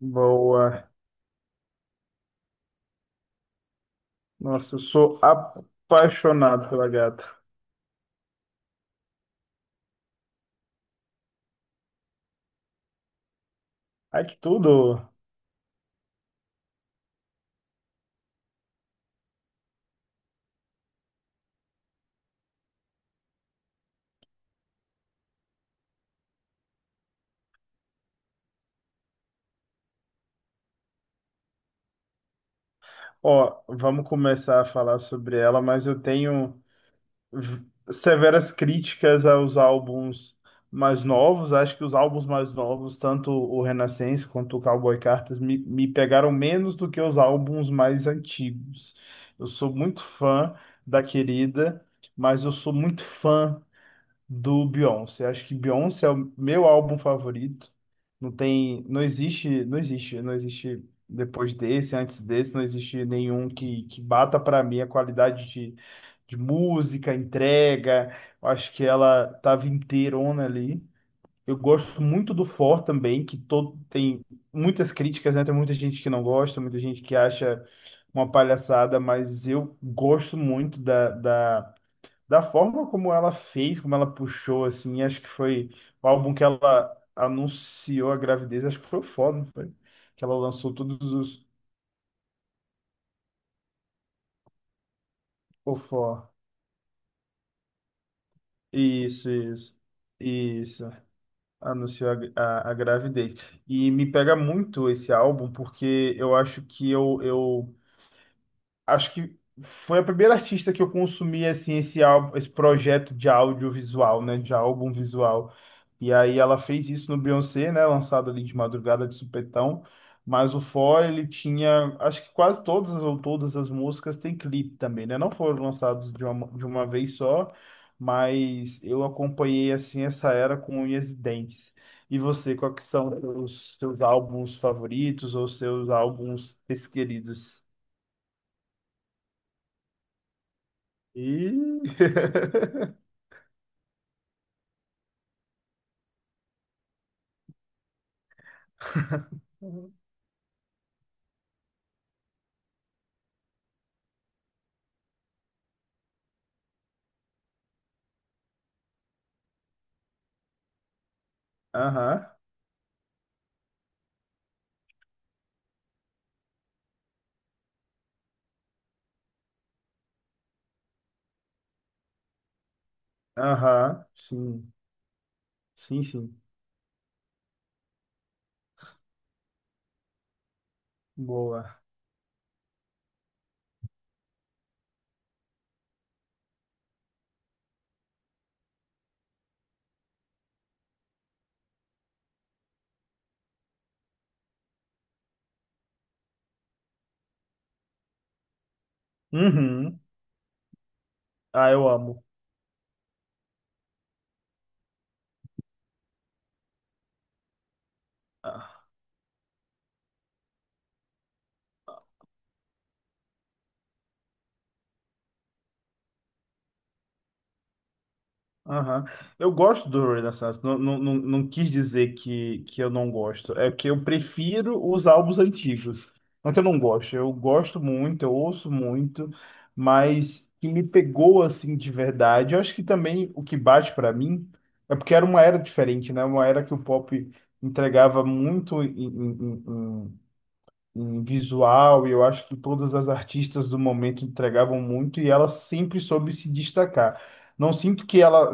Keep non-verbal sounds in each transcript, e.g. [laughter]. Boa. Nossa, eu sou apaixonado pela gata. Ai, que tudo! Ó, vamos começar a falar sobre ela, mas eu tenho v- severas críticas aos álbuns mais novos. Acho que os álbuns mais novos, tanto o Renascença quanto o Cowboy Cartas, me pegaram menos do que os álbuns mais antigos. Eu sou muito fã da querida, mas eu sou muito fã do Beyoncé. Acho que Beyoncé é o meu álbum favorito. Não tem, não existe depois desse, antes desse, não existe nenhum que bata para mim a qualidade de música, entrega. Eu acho que ela tava inteirona ali. Eu gosto muito do For também, que todo tem muitas críticas, né? Tem muita gente que não gosta, muita gente que acha uma palhaçada, mas eu gosto muito da forma como ela fez, como ela puxou, assim, acho que foi o álbum que ela anunciou a gravidez, acho que foi o Fó, não foi? Que ela lançou todos os... O Fó. Isso, isso. Isso. Anunciou a, a gravidez. E me pega muito esse álbum, porque eu acho que eu acho que foi a primeira artista que eu consumi assim esse álbum, esse projeto de audiovisual, né, de álbum visual. E aí ela fez isso no Beyoncé, né, lançado ali de madrugada de supetão, mas o For ele tinha, acho que quase todas ou todas as músicas têm clipe também, né? Não foram lançados de uma vez só, mas eu acompanhei assim essa era com unhas e dentes. E você, quais que são os seus álbuns favoritos ou seus álbuns preferidos? E. [laughs] Aham, aham, sim, sim, sim. Boa. Uhum. Ah, eu amo. Ah. Aham. Eu gosto do Rolling Stones. Não, quis dizer que eu não gosto. É que eu prefiro os álbuns antigos. Não que eu não gosto. Eu gosto muito, eu ouço muito, mas que me pegou assim de verdade. Eu acho que também o que bate pra mim é porque era uma era diferente, né? Uma era que o pop entregava muito em visual, e eu acho que todas as artistas do momento entregavam muito e ela sempre soube se destacar. Não sinto que ela.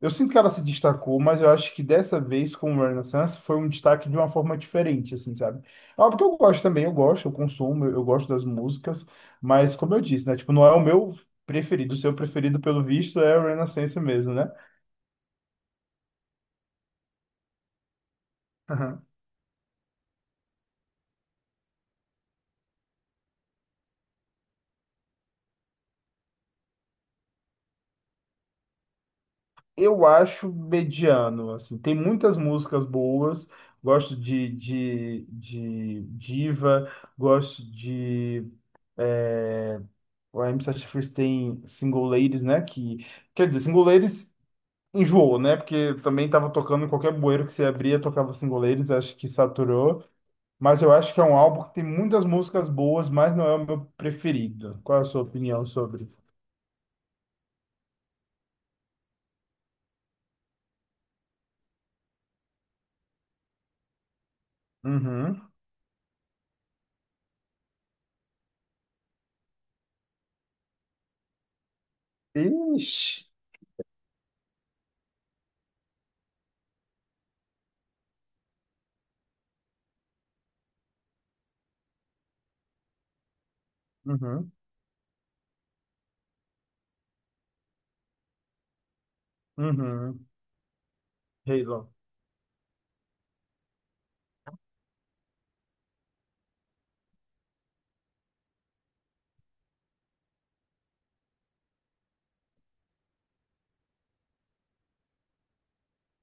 Eu sinto que ela se destacou, mas eu acho que dessa vez com o Renaissance foi um destaque de uma forma diferente, assim, sabe? É óbvio que eu gosto também, eu gosto, eu consumo, eu gosto das músicas, mas como eu disse, né? Tipo, não é o meu preferido. O seu preferido, pelo visto, é o Renaissance mesmo, né? [laughs] Eu acho mediano, assim. Tem muitas músicas boas. Gosto de Diva, gosto de... É, o AM Satisfees tem Single Ladies, né? Que, quer dizer, Single Ladies enjoou, né? Porque também tava tocando em qualquer bueiro que você abria, tocava Single Ladies, acho que saturou. Mas eu acho que é um álbum que tem muitas músicas boas, mas não é o meu preferido. Qual é a sua opinião sobre? Uhum. Ixi. Uhum. Uhum.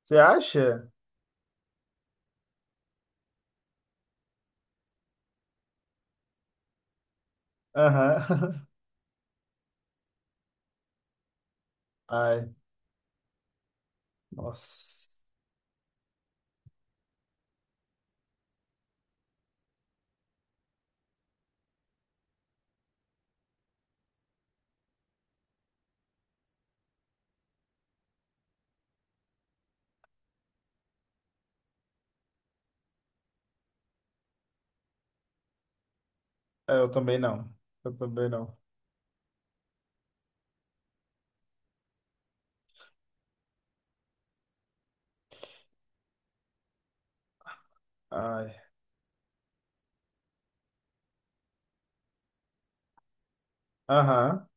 Você acha? Aham. [laughs] Ai, nossa. É, eu também não. Eu também não. Ai. Aham.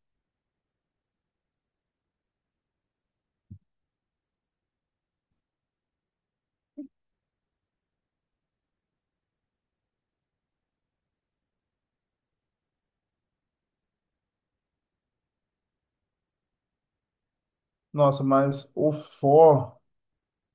Nossa, mas o For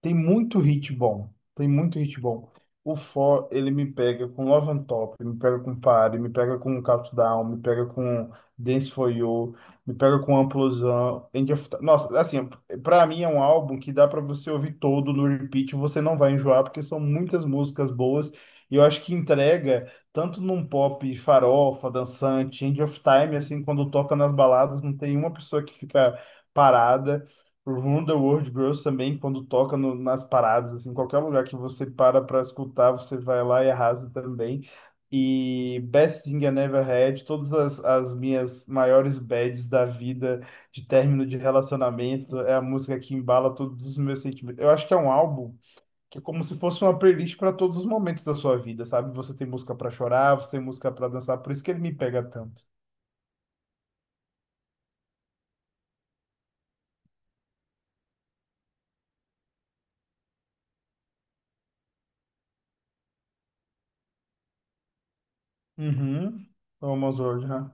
tem muito hit bom. Tem muito hit bom. O For, ele me pega com Love on Top, me pega com Party, me pega com Countdown, me pega com Dance For You, me pega com Amplosão, End of Time. Nossa, assim, pra mim é um álbum que dá pra você ouvir todo no repeat, você não vai enjoar, porque são muitas músicas boas, e eu acho que entrega tanto num pop farofa, dançante, End of Time, assim. Quando toca nas baladas, não tem uma pessoa que fica parada. Run the World Girls também, quando toca nas paradas, assim, qualquer lugar que você para para escutar, você vai lá e arrasa também. E Best Thing I Never Had, todas as, as minhas maiores bads da vida, de término de relacionamento, é a música que embala todos os meus sentimentos. Eu acho que é um álbum que é como se fosse uma playlist para todos os momentos da sua vida, sabe? Você tem música para chorar, você tem música para dançar, por isso que ele me pega tanto. Uhum. Almost World, né?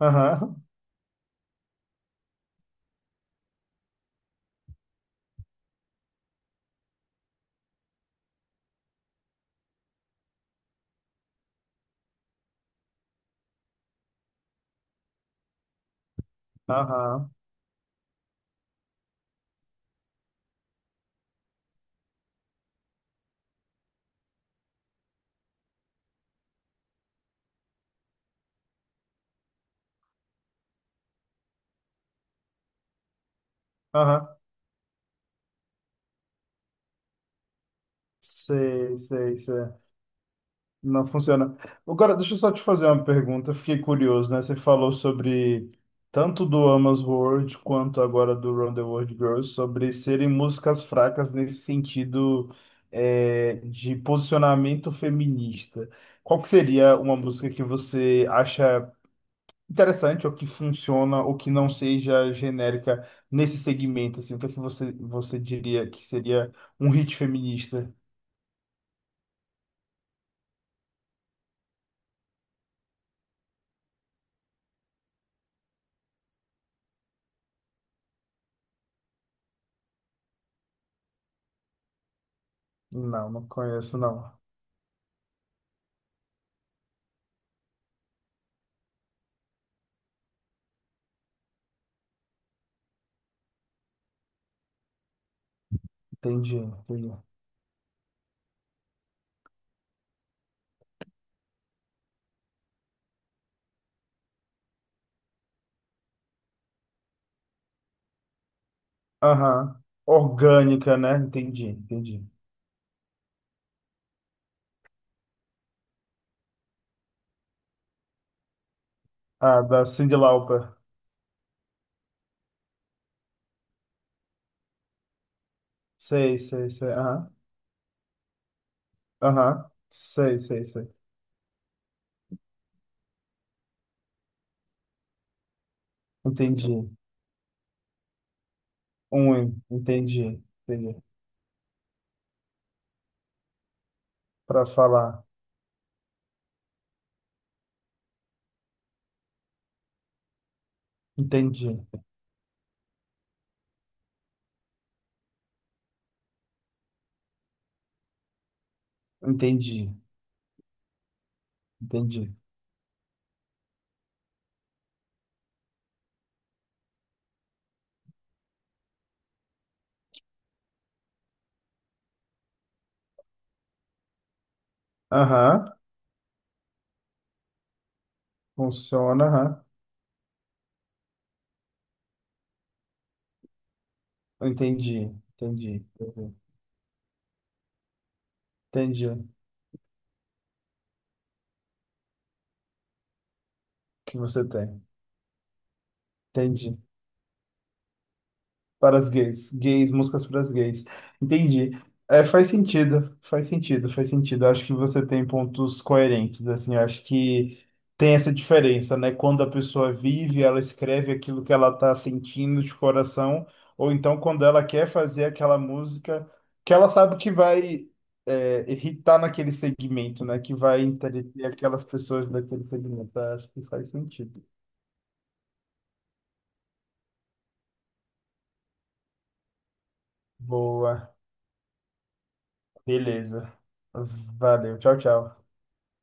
Aham. Aham. Aham. Sei, sei, sei. Não funciona. Agora, deixa eu só te fazer uma pergunta. Eu fiquei curioso, né? Você falou sobre tanto do Amos World quanto agora do Round the World Girls, sobre serem músicas fracas nesse sentido, é, de posicionamento feminista. Qual que seria uma música que você acha interessante ou que funciona ou que não seja genérica nesse segmento? Assim, o que é que você, você diria que seria um hit feminista? Não, não conheço, não. Entendi, entendi. Aham. Orgânica, né? Entendi, entendi. Ah, da Cyndi Lauper. Sei, sei, sei. Aham. Aham. Sei, sei, sei. Entendi. Um, entendi. Entendi. Para falar. Entendi. Entendi. Entendi. Aham. Funciona, aham. Entendi. Entendi. Entendi. Entendi o que você tem. Entendi. Para as gays. Gays, músicas para as gays. Entendi. É, faz sentido, faz sentido, faz sentido. Eu acho que você tem pontos coerentes, assim. Eu acho que tem essa diferença, né? Quando a pessoa vive, ela escreve aquilo que ela está sentindo de coração, ou então quando ela quer fazer aquela música que ela sabe que vai, é, irritar naquele segmento, né? Que vai entreter aquelas pessoas daquele segmento. Eu acho que faz sentido. Boa, beleza. Valeu, tchau, tchau.